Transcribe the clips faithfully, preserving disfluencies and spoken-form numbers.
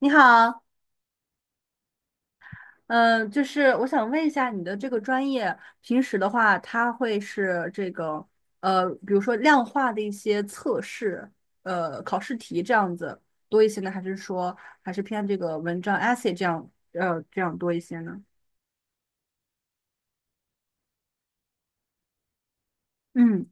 你好。嗯、就是我想问一下你的这个专业，平时的话，它会是这个呃，比如说量化的一些测试，呃，考试题这样子多一些呢，还是说还是偏这个文章 essay 这样，呃，这样多一些呢？嗯，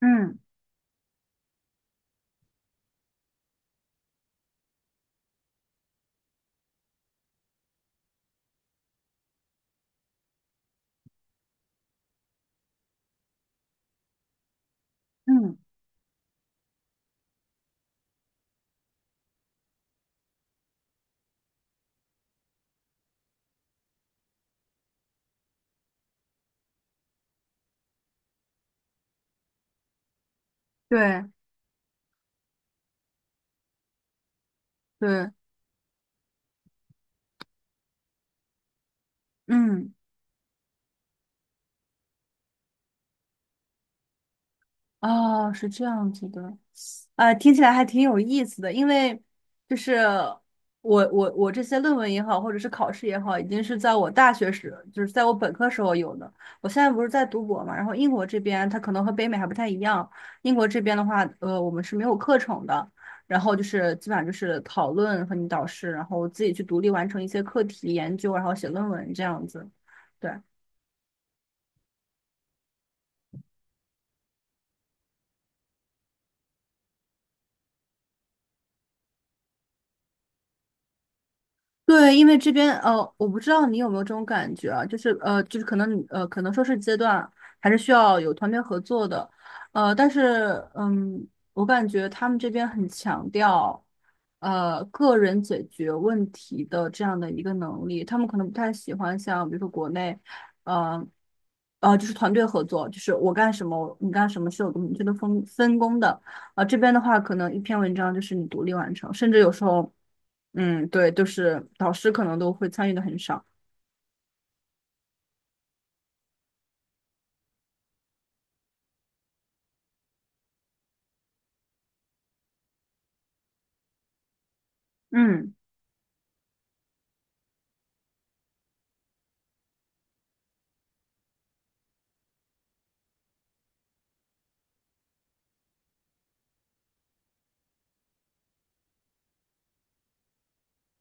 嗯，嗯，对，对，嗯，哦，是这样子的。啊，听起来还挺有意思的，因为就是我我我这些论文也好，或者是考试也好，已经是在我大学时，就是在我本科时候有的。我现在不是在读博嘛，然后英国这边它可能和北美还不太一样，英国这边的话，呃，我们是没有课程的，然后就是基本上就是讨论和你导师，然后自己去独立完成一些课题研究，然后写论文这样子。对。对，因为这边呃，我不知道你有没有这种感觉啊，就是呃，就是可能你呃，可能说是阶段还是需要有团队合作的，呃，但是嗯，我感觉他们这边很强调呃个人解决问题的这样的一个能力，他们可能不太喜欢像比如说国内，呃呃，就是团队合作，就是我干什么你干什么是有个明确的分分工的，啊、呃，这边的话可能一篇文章就是你独立完成，甚至有时候。嗯，对，就是导师可能都会参与的很少。嗯，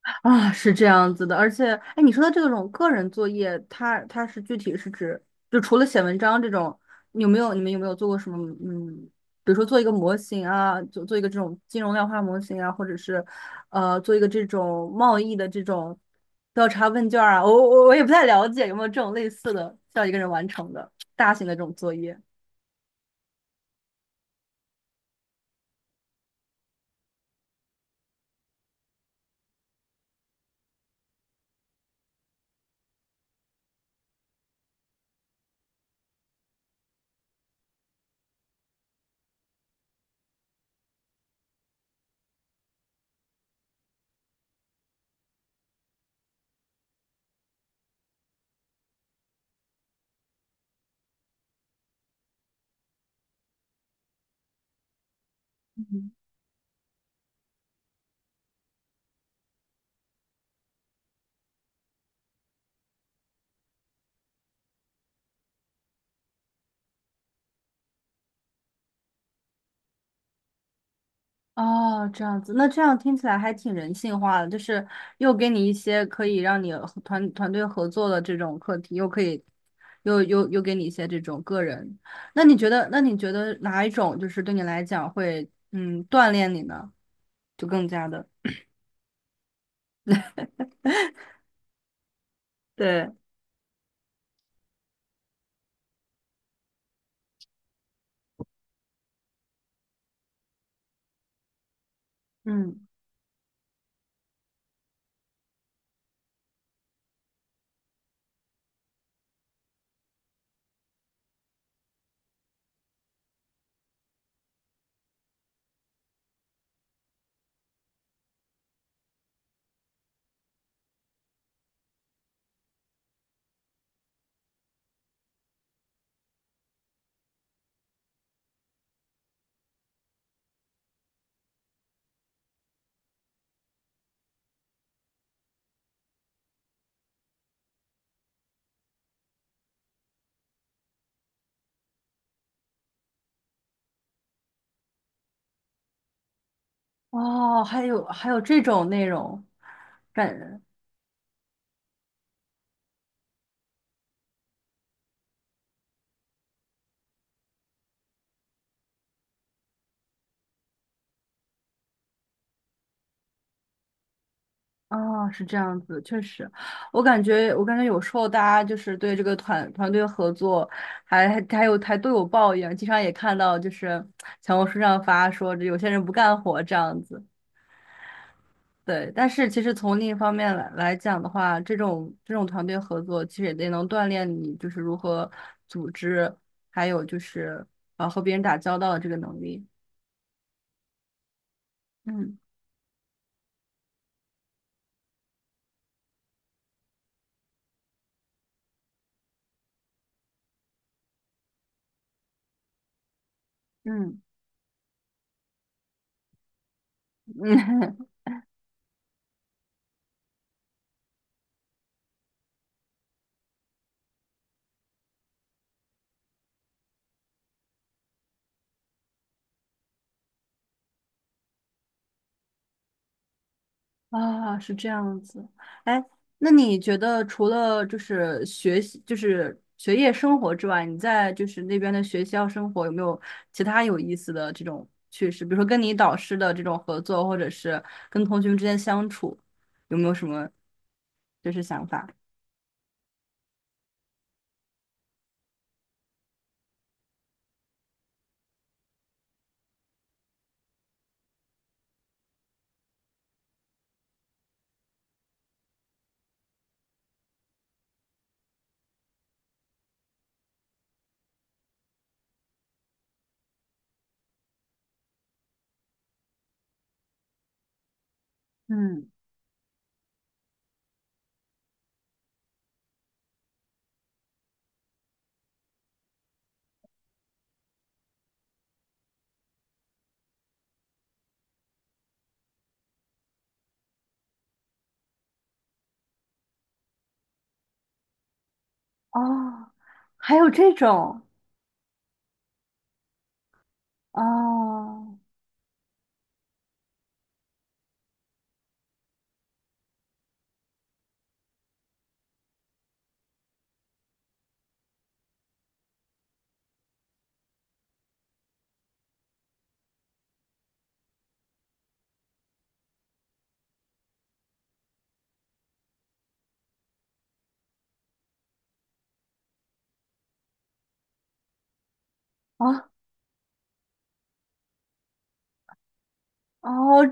啊，是这样子的。而且，哎，你说的这种个人作业，它它是具体是指，就除了写文章这种，有没有你们有没有做过什么？嗯，比如说做一个模型啊，做做一个这种金融量化模型啊，或者是呃做一个这种贸易的这种调查问卷啊。我我我也不太了解有没有这种类似的，需要一个人完成的大型的这种作业。哦，这样子，那这样听起来还挺人性化的，就是又给你一些可以让你和团团队合作的这种课题，又可以，又又又给你一些这种个人。那你觉得，那你觉得哪一种就是对你来讲会，嗯，锻炼你呢？就更加的。对。嗯。哦，还有还有这种内容。感，哦，是这样子，确实。我感觉，我感觉有时候大家就是对这个团团队合作还，还还有还都有抱怨，经常也看到就是小红书上发说这有些人不干活这样子。对。但是其实从另一方面来来讲的话，这种这种团队合作其实也得能锻炼你就是如何组织，还有就是啊和别人打交道的这个能力。嗯，嗯，嗯。啊，是这样子。哎，那你觉得除了就是学习，就是学业生活之外，你在就是那边的学校生活有没有其他有意思的这种趣事？比如说跟你导师的这种合作，或者是跟同学们之间相处，有没有什么就是想法？嗯，哦，还有这种。哦，哦，哦，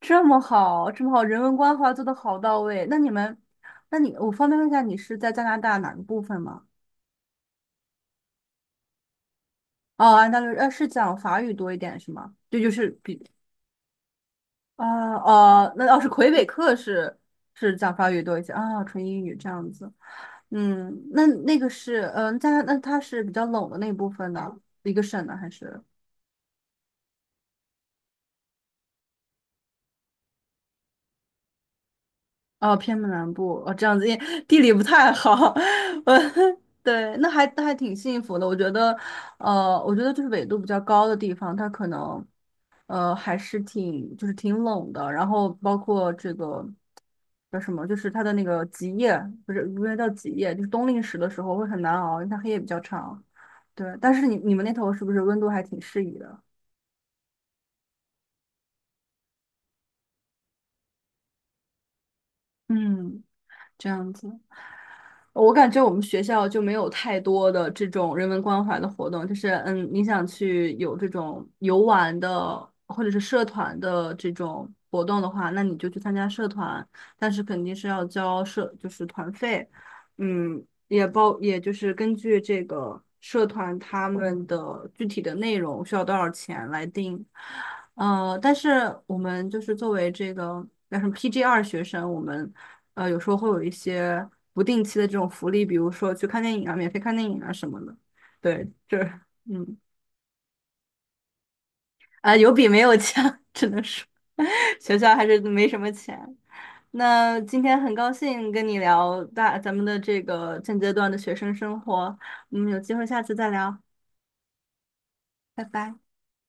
这么好，这么好，人文关怀做的好到位。那你们，那你，我方便问一下，你是在加拿大哪个部分吗？哦，安大略，呃，是讲法语多一点是吗？这就是比，啊、哦，那要是魁北克是是讲法语多一些啊、纯英语这样子。嗯，那那个是，嗯、加拿那它是比较冷的那部分的一个省呢，还是？哦，偏门南部哦，这样子，因为地理不太好。我对，那还那还挺幸福的。我觉得，呃，我觉得就是纬度比较高的地方，它可能，呃，还是挺就是挺冷的。然后包括这个叫什么，就是它的那个极夜，不是，不是叫极夜，就是冬令时的时候会很难熬，因为它黑夜比较长。对，但是你你们那头是不是温度还挺适宜的？嗯，这样子。我感觉我们学校就没有太多的这种人文关怀的活动，就是嗯，你想去有这种游玩的或者是社团的这种活动的话，那你就去参加社团，但是肯定是要交社就是团费，嗯，也包也就是根据这个社团他们的具体的内容需要多少钱来定。呃，但是我们就是作为这个叫什么 P G R 学生，我们。呃，有时候会有一些不定期的这种福利，比如说去看电影啊，免费看电影啊什么的。对，这，嗯，啊、有比没有强。只能说 学校还是没什么钱。那今天很高兴跟你聊大咱们的这个现阶段的学生生活，嗯，有机会下次再聊，拜拜。